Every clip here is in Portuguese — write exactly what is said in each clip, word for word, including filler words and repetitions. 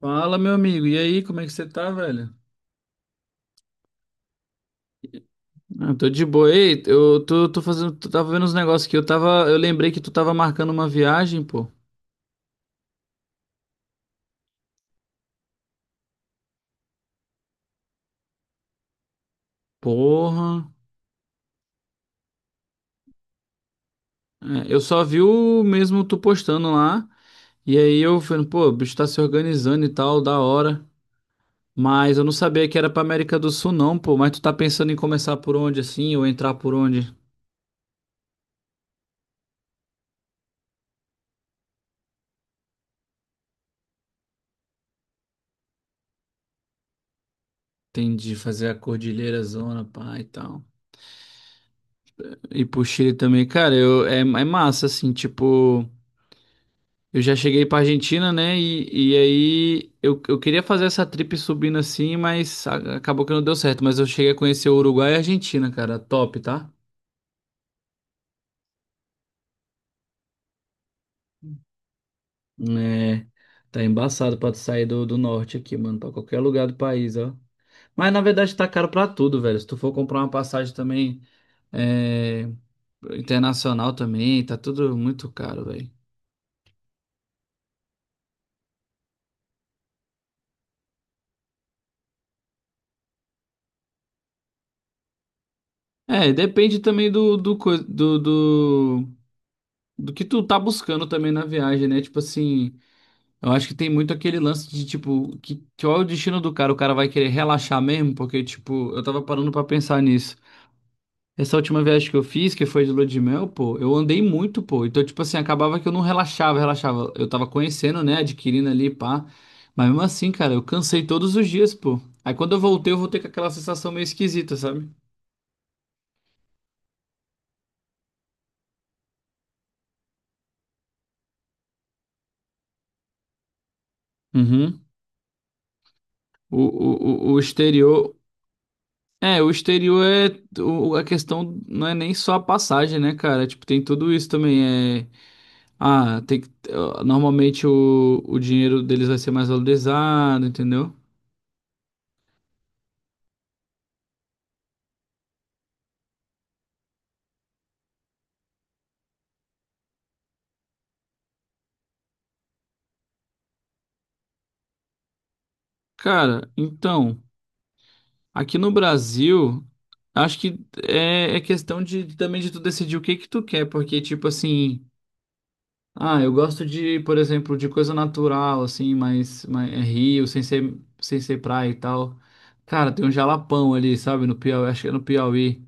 Fala, meu amigo. E aí, como é que você tá, velho? Ah, tô de boa. Ei, eu tô, tô fazendo. Tu tava vendo uns negócios aqui. Eu tava. Eu lembrei que tu tava marcando uma viagem, pô. Porra. É, eu só vi o mesmo tu postando lá. E aí eu falando, pô, o bicho tá se organizando e tal, da hora. Mas eu não sabia que era pra América do Sul, não, pô. Mas tu tá pensando em começar por onde, assim, ou entrar por onde? Entendi, fazer a Cordilheira Zona, pá, e tal. E pro Chile também, cara, eu, é, é massa, assim, tipo. Eu já cheguei pra Argentina, né? E, e aí eu, eu queria fazer essa trip subindo assim, mas a- acabou que não deu certo. Mas eu cheguei a conhecer o Uruguai e a Argentina, cara. Top, tá? É, tá embaçado pra tu sair do, do norte aqui, mano. Pra qualquer lugar do país, ó. Mas na verdade tá caro pra tudo, velho. Se tu for comprar uma passagem também é, internacional também, tá tudo muito caro, velho. É, depende também do, do, coi- do, do do que tu tá buscando também na viagem, né? Tipo assim. Eu acho que tem muito aquele lance de, tipo, que, qual é o destino do cara? O cara vai querer relaxar mesmo? Porque, tipo, eu tava parando pra pensar nisso. Essa última viagem que eu fiz, que foi de lua de mel, pô, eu andei muito, pô. Então, tipo assim, acabava que eu não relaxava, relaxava. Eu tava conhecendo, né, adquirindo ali, pá. Mas mesmo assim, cara, eu cansei todos os dias, pô. Aí quando eu voltei, eu voltei com aquela sensação meio esquisita, sabe? Uhum. O, o, o o exterior. É, o exterior é. O- a questão não é nem só a passagem, né, cara? Tipo, tem tudo isso também. É. Ah, tem que, eh, normalmente o, o dinheiro deles vai ser mais valorizado, entendeu? Cara, então, aqui no Brasil, acho que é, é questão de também de tu decidir o que que tu quer, porque tipo assim, ah, eu gosto de, por exemplo, de coisa natural, assim, mais, mais é rio, sem ser, sem ser praia e tal. Cara, tem um jalapão ali, sabe, no Piauí, acho que é no Piauí.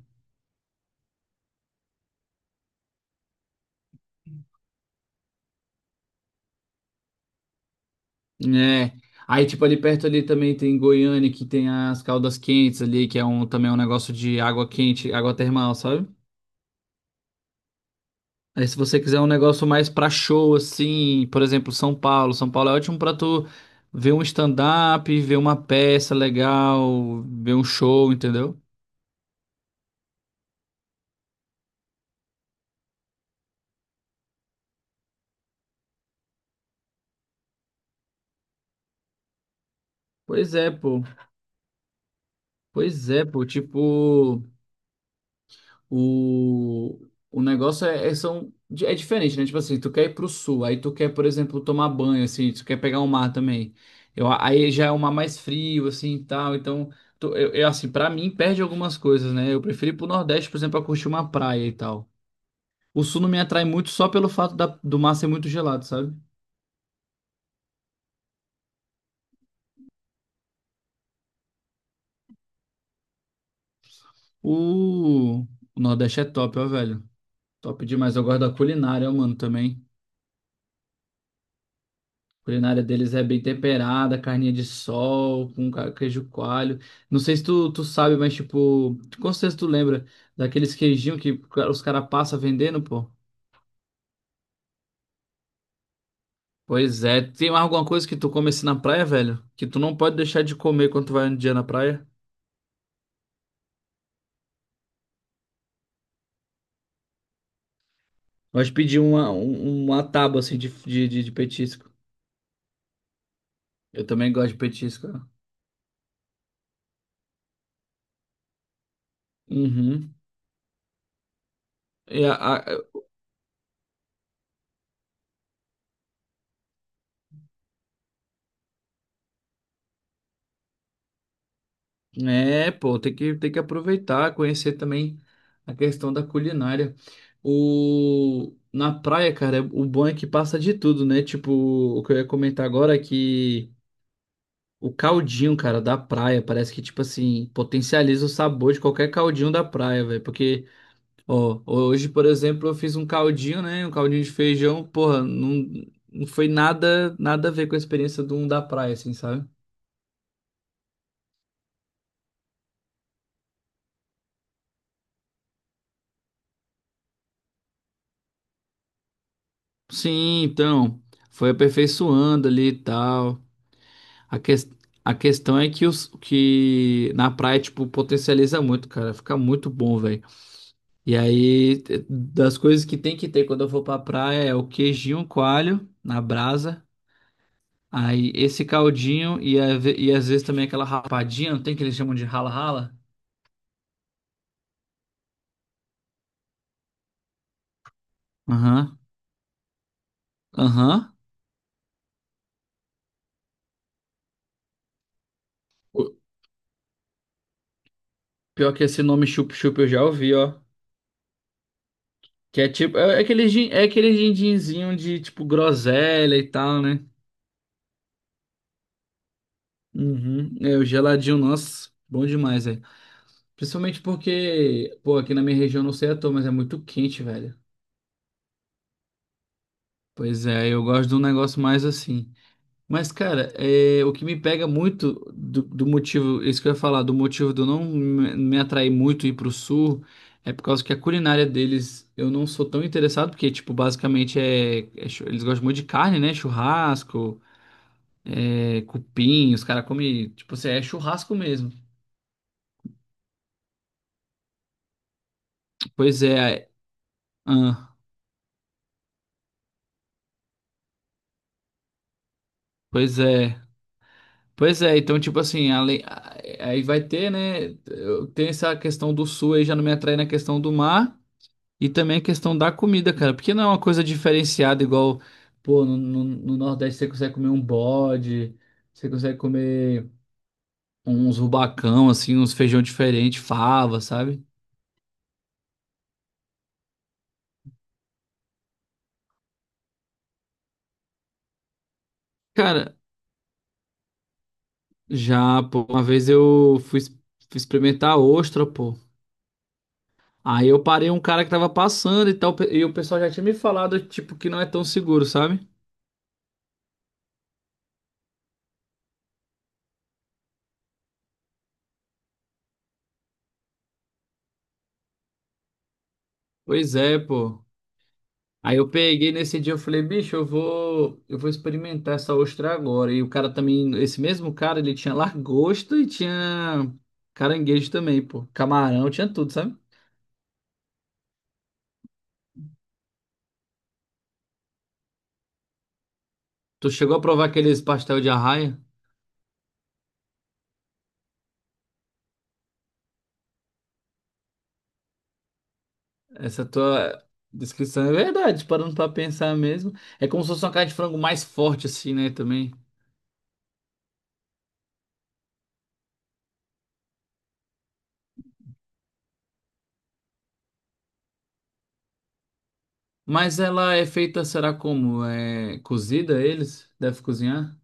É. Aí, tipo, ali perto ali também tem Goiânia, que tem as caldas quentes ali, que é um, também é um negócio de água quente, água termal, sabe? Aí, se você quiser um negócio mais pra show, assim, por exemplo, São Paulo. São Paulo é ótimo pra tu ver um stand-up, ver uma peça legal, ver um show, entendeu? Pois é, pô. Pois é, pô. Tipo. o o negócio é é, são é diferente, né? Tipo assim, tu quer ir pro sul, aí tu quer, por exemplo, tomar banho assim, tu quer pegar o mar também. Eu, aí já é um mar mais frio assim e tal. Então, tu- eu eu, assim, para mim perde algumas coisas, né? Eu prefiro ir pro nordeste, por exemplo, para curtir uma praia e tal. O sul não me atrai muito só pelo fato da do mar ser muito gelado, sabe? O o nordeste é top, ó, velho. Top demais. Eu gosto da culinária, ó, mano, também. A culinária deles é bem temperada, carninha de sol, com ca- queijo coalho. Não sei se tu, tu sabe, mas tipo, com certeza tu lembra daqueles queijinhos que ca- os caras passam vendendo, pô. Pois é, tem mais alguma coisa que tu come assim na praia, velho? Que tu não pode deixar de comer quando tu vai um dia na praia? Gosto de pedir uma, um- uma tábua assim de, de, de, de petisco. Eu também gosto de petisco, ó. Uhum. E a, a- É, pô, tem que, tem que aproveitar, conhecer também a questão da culinária. O... Na praia, cara, o bom é que passa de tudo, né? Tipo, o que eu ia comentar agora é que o caldinho, cara, da praia, parece que, tipo assim, potencializa o sabor de qualquer caldinho da praia, velho. Porque, ó, hoje, por exemplo, eu fiz um caldinho, né? Um caldinho de feijão, porra, não, não foi nada, nada a ver com a experiência do um da praia, assim, sabe? Sim, então, foi aperfeiçoando ali e tal. A, ques- a questão é que, os, que na praia, tipo, potencializa muito, cara. Fica muito bom, velho. E aí, te- das coisas que tem que ter quando eu for pra praia é o queijinho coalho na brasa. Aí, esse caldinho e, a ve- e às vezes também aquela rapadinha, não tem que eles chamam de rala-rala? Aham, aham. O- Pior que esse nome chup-chup eu já ouvi, ó. Que é tipo, é é aquele, gin- é aquele gindinzinho de, tipo, groselha e tal, né? Uhum. É, o geladinho, nossa, bom demais, velho. Principalmente porque, pô, aqui na minha região não sei à toa, mas é muito quente, velho. Pois é, eu gosto de um negócio mais assim. Mas, cara, é, o que me pega muito do, do motivo, isso que eu ia falar, do motivo de eu não me me atrair muito ir pro sul, é por causa que a culinária deles eu não sou tão interessado, porque, tipo, basicamente é, é chu- eles gostam muito de carne, né? Churrasco, é, cupim, os caras comem, tipo, assim, é churrasco mesmo. Pois é, ah, Pois é. Pois é, então, tipo assim, além, a- aí vai ter, né? eu- Tem essa questão do sul, aí já não me atrai na questão do mar e também a questão da comida, cara. Porque não é uma coisa diferenciada igual, pô, no, no- no Nordeste você consegue comer um bode, você consegue comer uns rubacão, assim, uns feijão diferente, fava, sabe? Cara, já, pô, uma vez eu fui, es- fui experimentar a ostra, pô. Aí eu parei um cara que tava passando e tal, e o pessoal já tinha me falado, tipo, que não é tão seguro, sabe? Pois é, pô. Aí eu peguei nesse dia, eu falei, bicho, eu vou, eu vou experimentar essa ostra agora. E o cara também, esse mesmo cara, ele tinha lagosta e tinha caranguejo também, pô. Camarão, tinha tudo, sabe? Tu chegou a provar aqueles pastel de arraia? Essa tua descrição é verdade, parando pra pensar mesmo. É como se fosse uma carne de frango mais forte, assim, né, também. Mas ela é feita, será como? É cozida eles? Deve cozinhar?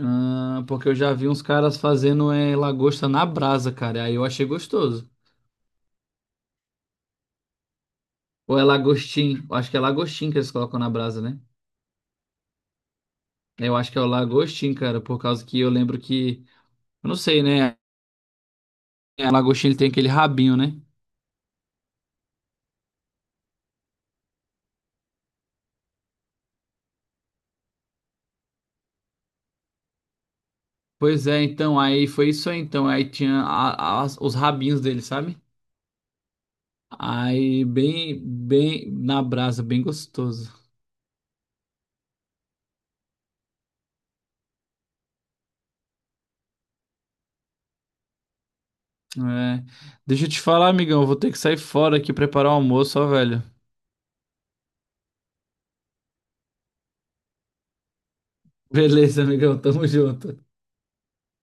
Ah, porque eu já vi uns caras fazendo é, lagosta na brasa, cara. E aí eu achei gostoso. Ou é lagostim? Eu acho que é lagostim que eles colocam na brasa, né? Eu acho que é o lagostim, cara, por causa que eu lembro que. Eu não sei, né? A lagostim ele tem aquele rabinho, né? Pois é, então, aí foi isso aí, então. Aí tinha a- as- os rabinhos dele, sabe? Aí bem, bem na brasa, bem gostoso. É. Deixa eu te falar, amigão, eu vou ter que sair fora aqui preparar o almoço, ó, velho. Beleza, amigão, tamo junto.